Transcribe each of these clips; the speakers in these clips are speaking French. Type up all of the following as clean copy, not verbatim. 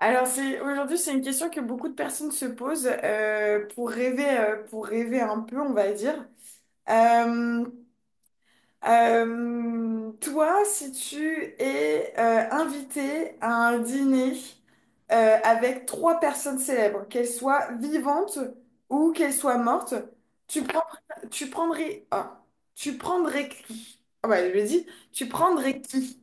Alors c'est aujourd'hui c'est une question que beaucoup de personnes se posent, pour rêver, pour rêver un peu on va dire. Euh, Toi si tu es invité à un dîner avec trois personnes célèbres, qu'elles soient vivantes ou qu'elles soient mortes, tu prends, tu prendrais tu prendrais qui? Ah bah je l'ai dit, tu prendrais qui?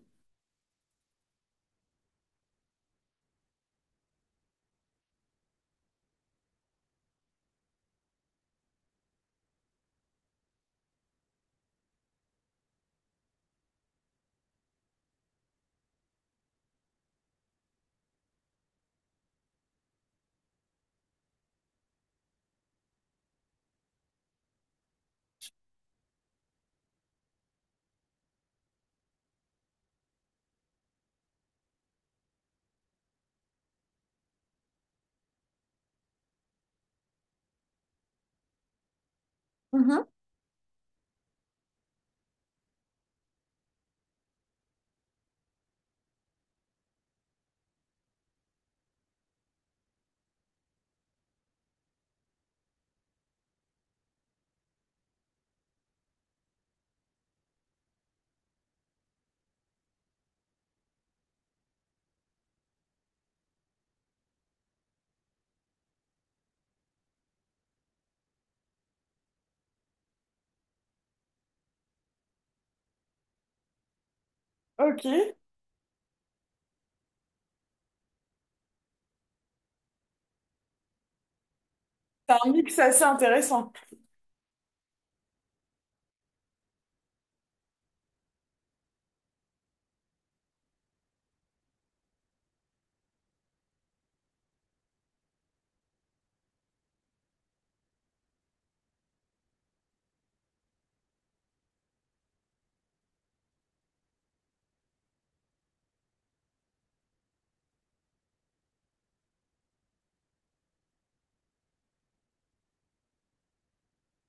Mhm. Ok, c'est un mix assez intéressant.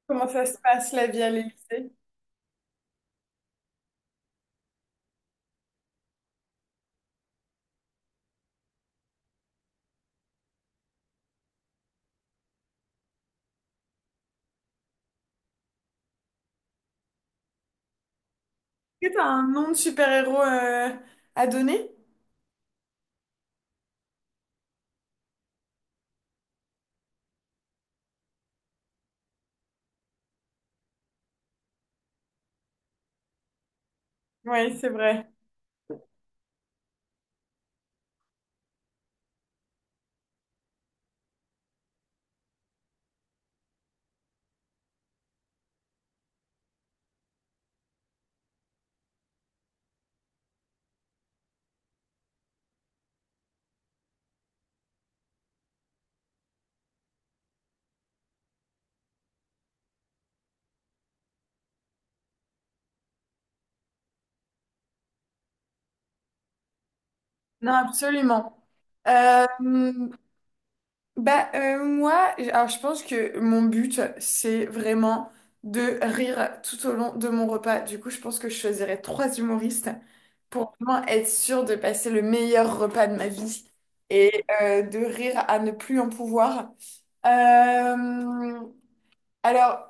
Comment ça se passe la vie à l'Élysée? Est-ce que t'as un nom de super-héros à donner? Oui, c'est vrai. Non, absolument. Euh, Moi, alors je pense que mon but, c'est vraiment de rire tout au long de mon repas. Du coup, je pense que je choisirais trois humoristes pour vraiment être sûre de passer le meilleur repas de ma vie et, de rire à ne plus en pouvoir. Euh, Alors,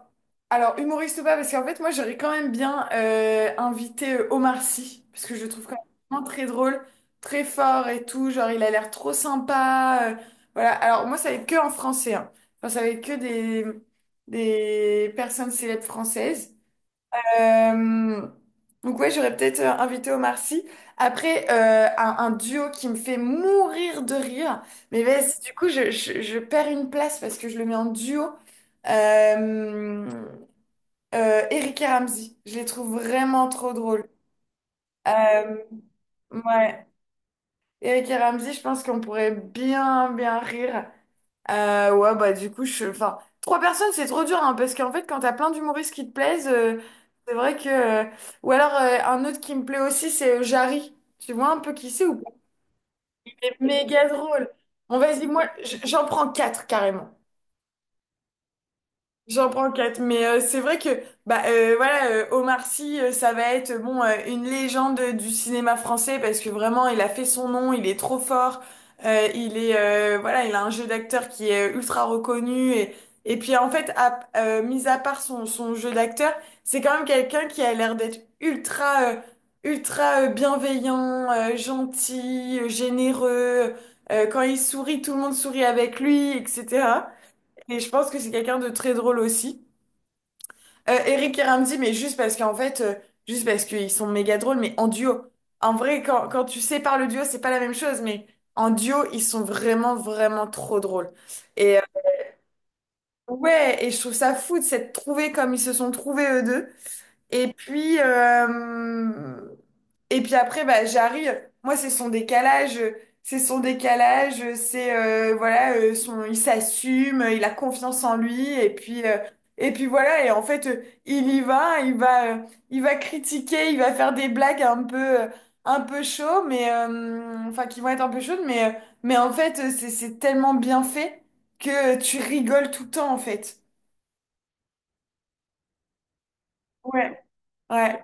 alors humoriste ou pas, parce qu'en fait, moi, j'aurais quand même bien invité Omar Sy, parce que je le trouve quand même vraiment très drôle, très fort et tout. Genre, il a l'air trop sympa. Voilà. Alors, moi, ça va être que en français, hein. Enfin, ça va être que des personnes célèbres françaises. Euh, donc ouais, j'aurais peut-être invité Omar Sy. Après, un duo qui me fait mourir de rire. Mais vas-y, du coup, je perds une place parce que je le mets en duo. Euh, Eric et Ramzy. Je les trouve vraiment trop drôles. Euh, ouais. Eric et Ramzy, je pense qu'on pourrait bien, bien rire. Ouais, bah du coup, je... Enfin, trois personnes, c'est trop dur, hein, parce qu'en fait, quand t'as plein d'humoristes qui te plaisent, c'est vrai que... Ou alors, un autre qui me plaît aussi, c'est Jarry. Tu vois un peu qui c'est ou pas? C'est méga drôle. Bon, vas-y, moi, j'en prends quatre, carrément. J'en prends quatre, mais c'est vrai que bah, Omar Sy, ça va être bon, une légende du cinéma français parce que vraiment il a fait son nom, il est trop fort, il est voilà il a un jeu d'acteur qui est ultra reconnu. Et puis en fait, mis à part son jeu d'acteur, c'est quand même quelqu'un qui a l'air d'être ultra bienveillant, gentil, généreux. Quand il sourit, tout le monde sourit avec lui, etc. Et je pense que c'est quelqu'un de très drôle aussi. Eric et Ramzy, mais juste parce qu'en fait, juste parce qu'ils sont méga drôles, mais en duo. En vrai, quand tu sépares le duo, c'est pas la même chose, mais en duo, ils sont vraiment, vraiment trop drôles. Et euh, ouais, et je trouve ça fou de s'être trouvés comme ils se sont trouvés eux deux. Et puis, euh, et puis après, bah, j'arrive. Moi, c'est son décalage. C'est son décalage. C'est, il s'assume, il a confiance en lui. Et puis voilà. Et en fait, il va critiquer, il va faire des blagues un peu chaud, enfin, qui vont être un peu chaudes. Mais en fait, c'est tellement bien fait que tu rigoles tout le temps, en fait. Ouais. Ouais.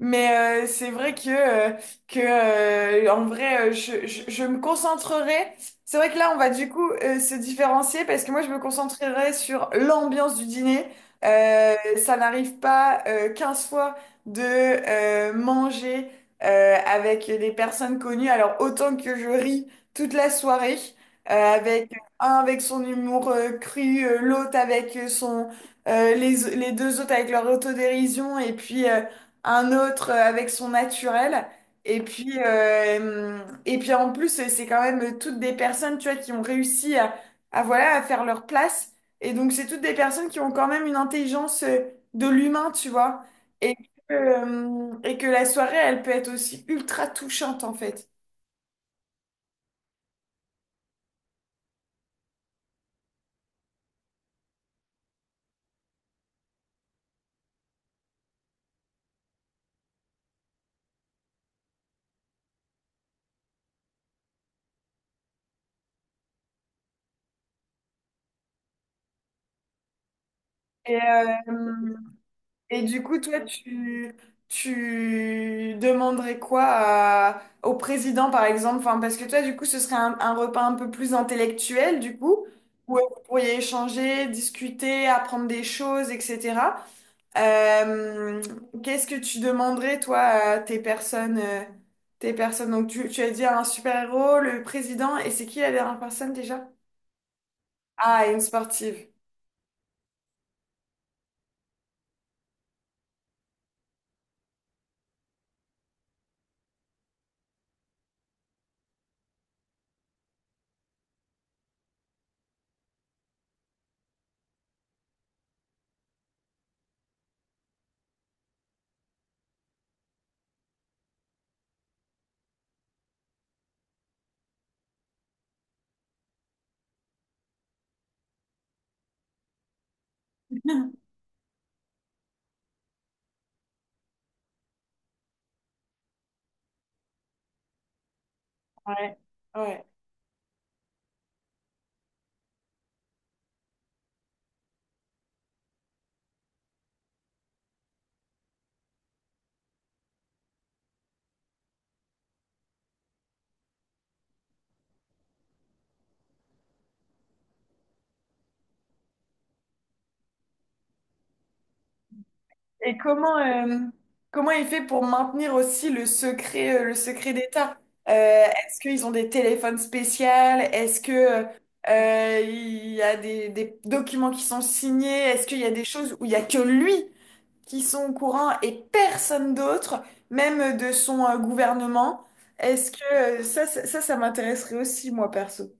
Mais c'est vrai que, en vrai, je me concentrerai. C'est vrai que là, on va du coup se différencier parce que moi, je me concentrerai sur l'ambiance du dîner. Ça n'arrive pas, 15 fois de manger avec des personnes connues. Alors, autant que je ris toute la soirée, avec un avec son humour cru, les deux autres avec leur autodérision et puis... un autre avec son naturel. Et puis, euh, et puis en plus, c'est quand même toutes des personnes, tu vois, qui ont réussi à, voilà, à faire leur place. Et donc, c'est toutes des personnes qui ont quand même une intelligence de l'humain, tu vois. Et que la soirée, elle peut être aussi ultra touchante, en fait. Et, euh, Et du coup, tu demanderais quoi au président, par exemple? Enfin, parce que toi, du coup, ce serait un repas un peu plus intellectuel, du coup, où vous pourriez échanger, discuter, apprendre des choses, etc. Euh, Qu'est-ce que tu demanderais, toi, à tes personnes, tes personnes? Donc, tu as dit un super-héros, le président, et c'est qui la dernière personne déjà? Ah, une sportive. Ouais. Ouais. Et comment, comment il fait pour maintenir aussi le secret d'État? Est-ce qu'ils ont des téléphones spéciaux? Il y a des documents qui sont signés? Est-ce qu'il y a des choses où il y a que lui qui sont au courant et personne d'autre, même de son, gouvernement? Est-ce que, ça, ça, ça ça m'intéresserait aussi, moi, perso.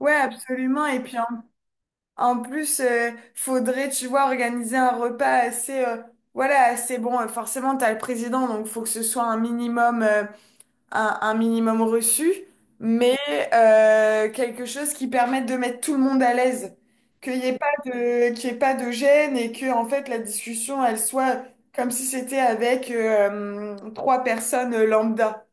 Ouais, absolument. Et puis en En plus, faudrait, tu vois, organiser un repas assez, voilà, assez bon. Forcément, t'as le président, donc faut que ce soit un minimum, un minimum reçu, mais quelque chose qui permette de mettre tout le monde à l'aise, qu'il y ait pas de gêne et que, en fait, la discussion, elle soit comme si c'était avec trois personnes lambda.